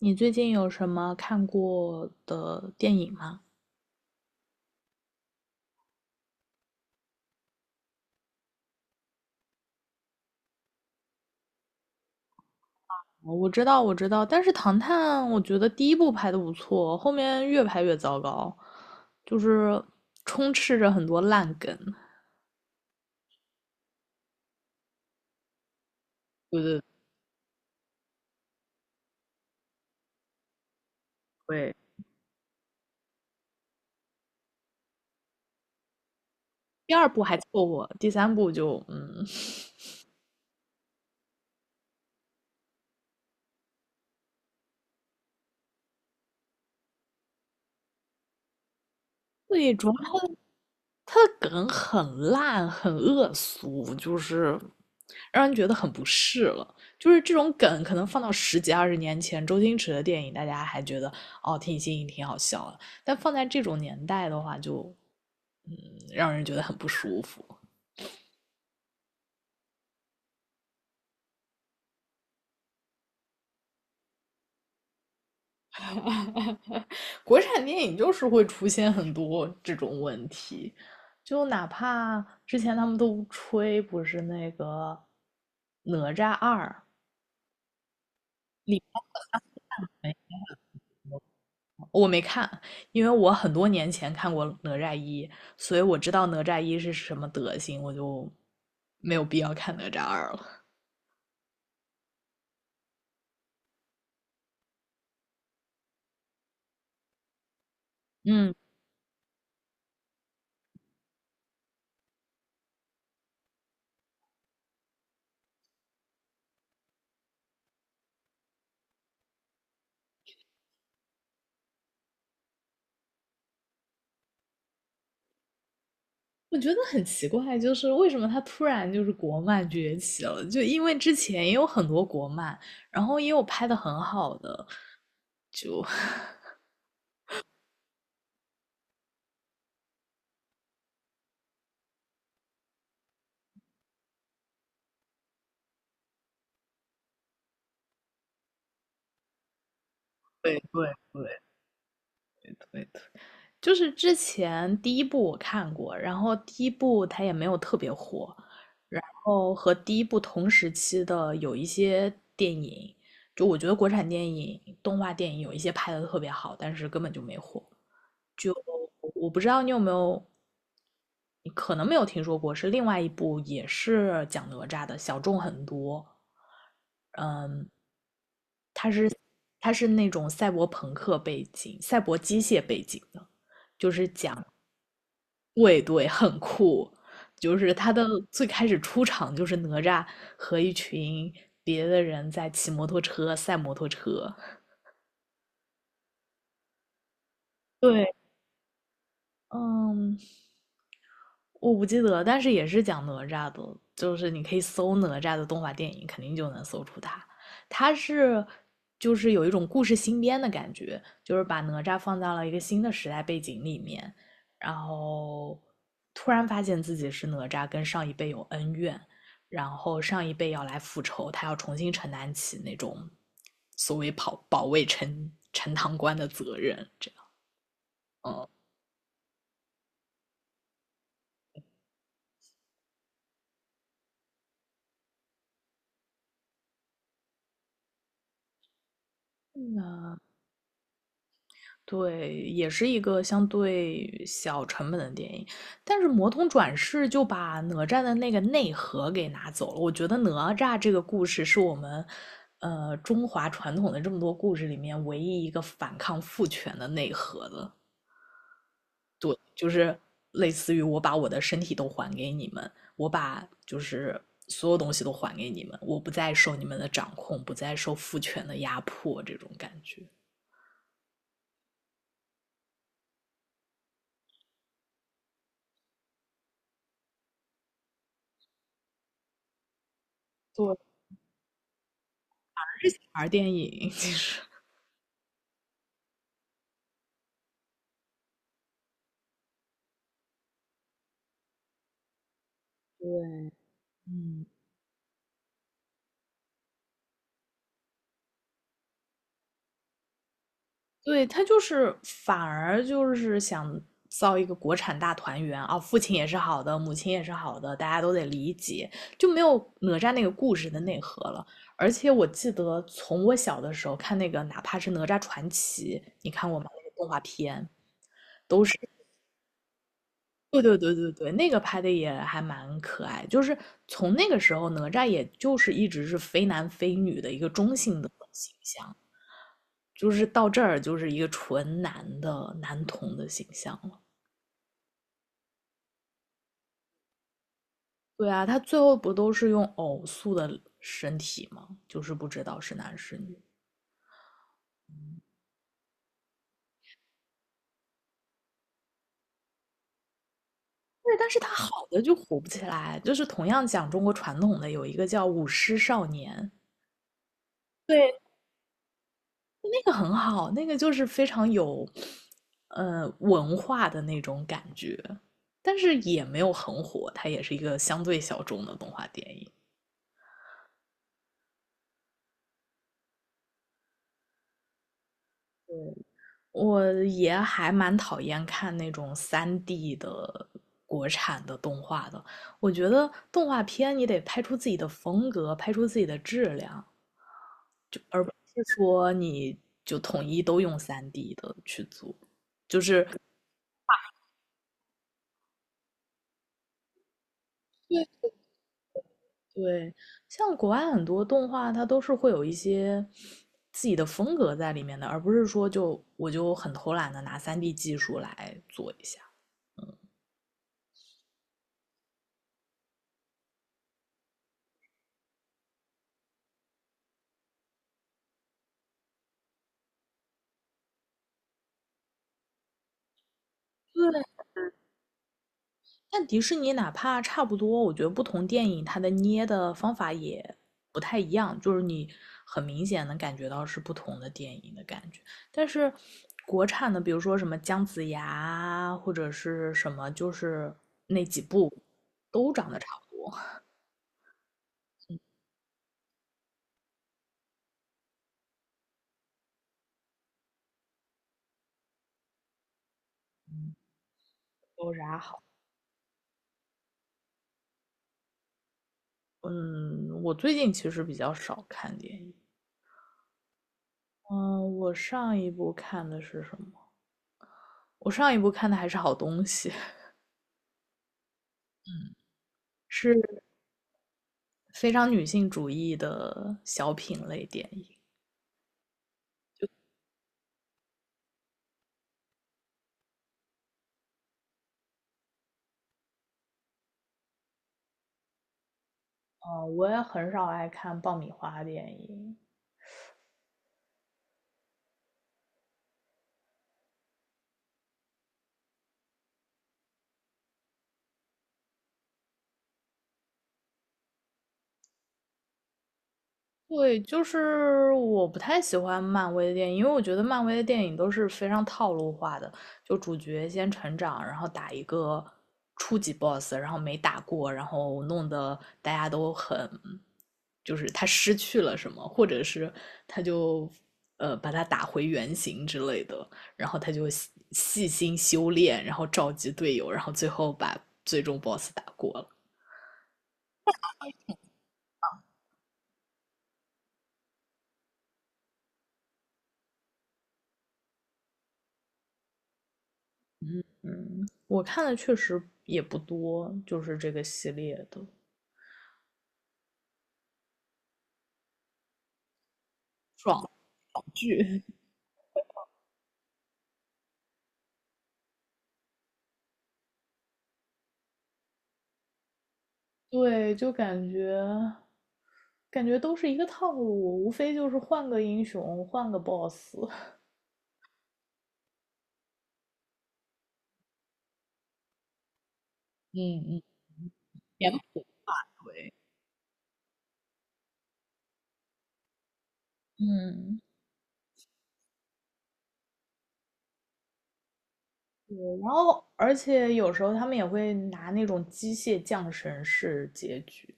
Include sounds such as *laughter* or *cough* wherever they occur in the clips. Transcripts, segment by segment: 你最近有什么看过的电影吗？哦我知道，我知道，但是《唐探》我觉得第一部拍的不错，后面越拍越糟糕，就是充斥着很多烂梗。对对对，第二部还凑合，第三部就*laughs* 最以主要他的梗很烂，很恶俗，就是让人觉得很不适了。就是这种梗，可能放到十几二十年前，周星驰的电影，大家还觉得哦挺新颖、挺好笑的，但放在这种年代的话就，嗯，让人觉得很不舒服。*laughs* 国产电影就是会出现很多这种问题，就哪怕之前他们都吹不是那个《哪吒二》里面我没看，因为我很多年前看过《哪吒一》，所以我知道哪吒一是什么德行，我就没有必要看哪吒二了。嗯，我觉得很奇怪，就是为什么它突然就是国漫崛起了？就因为之前也有很多国漫，然后也有拍的很好的，就 *laughs* 对对对对对。就是之前第一部我看过，然后第一部它也没有特别火，然后和第一部同时期的有一些电影，就我觉得国产电影、动画电影有一些拍的特别好，但是根本就没火。就我不知道你有没有，你可能没有听说过，是另外一部也是讲哪吒的，小众很多。嗯，它是那种赛博朋克背景、赛博机械背景的，就是讲对对，很酷。就是他的最开始出场就是哪吒和一群别的人在骑摩托车赛摩托车。对，嗯，我不记得，但是也是讲哪吒的，就是你可以搜哪吒的动画电影，肯定就能搜出它。它是就是有一种故事新编的感觉，就是把哪吒放到了一个新的时代背景里面，然后突然发现自己是哪吒，跟上一辈有恩怨，然后上一辈要来复仇，他要重新承担起那种所谓保卫陈塘关的责任，这样，嗯。对，也是一个相对小成本的电影，但是《魔童转世》就把哪吒的那个内核给拿走了。我觉得哪吒这个故事是我们，中华传统的这么多故事里面唯一一个反抗父权的内核的。对，就是类似于我把我的身体都还给你们，我把就是所有东西都还给你们，我不再受你们的掌控，不再受父权的压迫，这种感觉。对，还是小孩儿电影，其实。对，嗯，对，他就是反而就是想造一个国产大团圆啊，父亲也是好的，母亲也是好的，大家都得理解，就没有哪吒那个故事的内核了。而且我记得从我小的时候看那个，哪怕是《哪吒传奇》，你看过吗？那个动画片。对对对对对，那个拍的也还蛮可爱。就是从那个时候，哪吒也就是一直是非男非女的一个中性的形象。就是到这儿就是一个纯男的男童的形象了。对啊，他最后不都是用偶塑的身体吗？就是不知道是男是女。对，但是他好的就火不起来，就是同样讲中国传统的，有一个叫舞狮少年，对，那个很好，那个就是非常有，文化的那种感觉，但是也没有很火，它也是一个相对小众的动画电影。我也还蛮讨厌看那种三 d 的国产的动画的。我觉得动画片你得拍出自己的风格，拍出自己的质量，而不是说你就统一都用三 d 的去做。就是对，像国外很多动画，它都是会有一些自己的风格在里面的，而不是说就我就很偷懒的拿三 d 技术来做一下。对，但迪士尼哪怕差不多，我觉得不同电影它的捏的方法也不太一样，就是你很明显能感觉到是不同的电影的感觉。但是国产的，比如说什么姜子牙或者是什么，就是那几部都长得差不多。有啥好？嗯，我最近其实比较少看电影。嗯，我上一部看的是什么？我上一部看的还是好东西，*laughs* 嗯是非常女性主义的小品类电影。嗯、我也很少爱看爆米花电影，对，就是我不太喜欢漫威的电影，因为我觉得漫威的电影都是非常套路化的，就主角先成长，然后打一个初级 boss，然后没打过，然后弄得大家都很，就是他失去了什么，或者是他就把他打回原形之类的，然后他就细心修炼，然后召集队友，然后最后把最终 boss 打过了。嗯，我看的确实也不多，就是这个系列的。爽剧，*laughs* 对，就感觉都是一个套路，无非就是换个英雄，换个 boss。*laughs* 嗯嗯，脸谱对，嗯，对。然后，而且有时候他们也会拿那种机械降神式结局，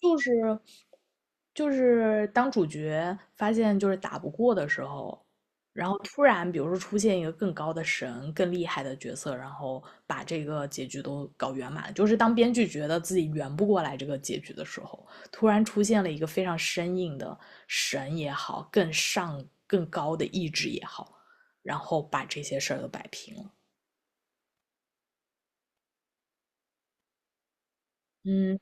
就是就是当主角发现就是打不过的时候，然后突然比如说出现一个更高的神、更厉害的角色，然后把这个结局都搞圆满。就是当编剧觉得自己圆不过来这个结局的时候，突然出现了一个非常生硬的神也好，更上更高的意志也好，然后把这些事儿都摆平了。嗯，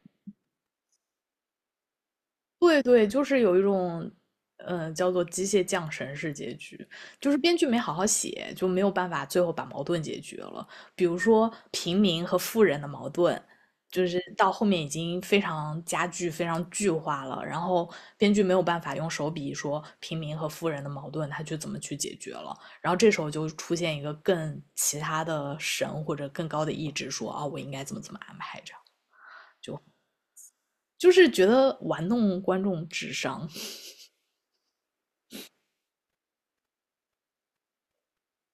对对，就是有一种，叫做机械降神式结局，就是编剧没好好写，就没有办法最后把矛盾解决了。比如说平民和富人的矛盾，就是到后面已经非常加剧、非常剧化了，然后编剧没有办法用手笔说平民和富人的矛盾他去怎么去解决了，然后这时候就出现一个更其他的神或者更高的意志说啊，我应该怎么怎么安排这样，就是觉得玩弄观众智商。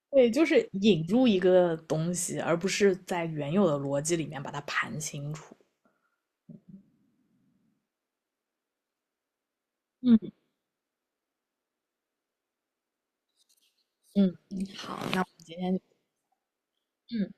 对，就是引入一个东西，而不是在原有的逻辑里面把它盘清楚。嗯，嗯，嗯好，那我们今天就嗯。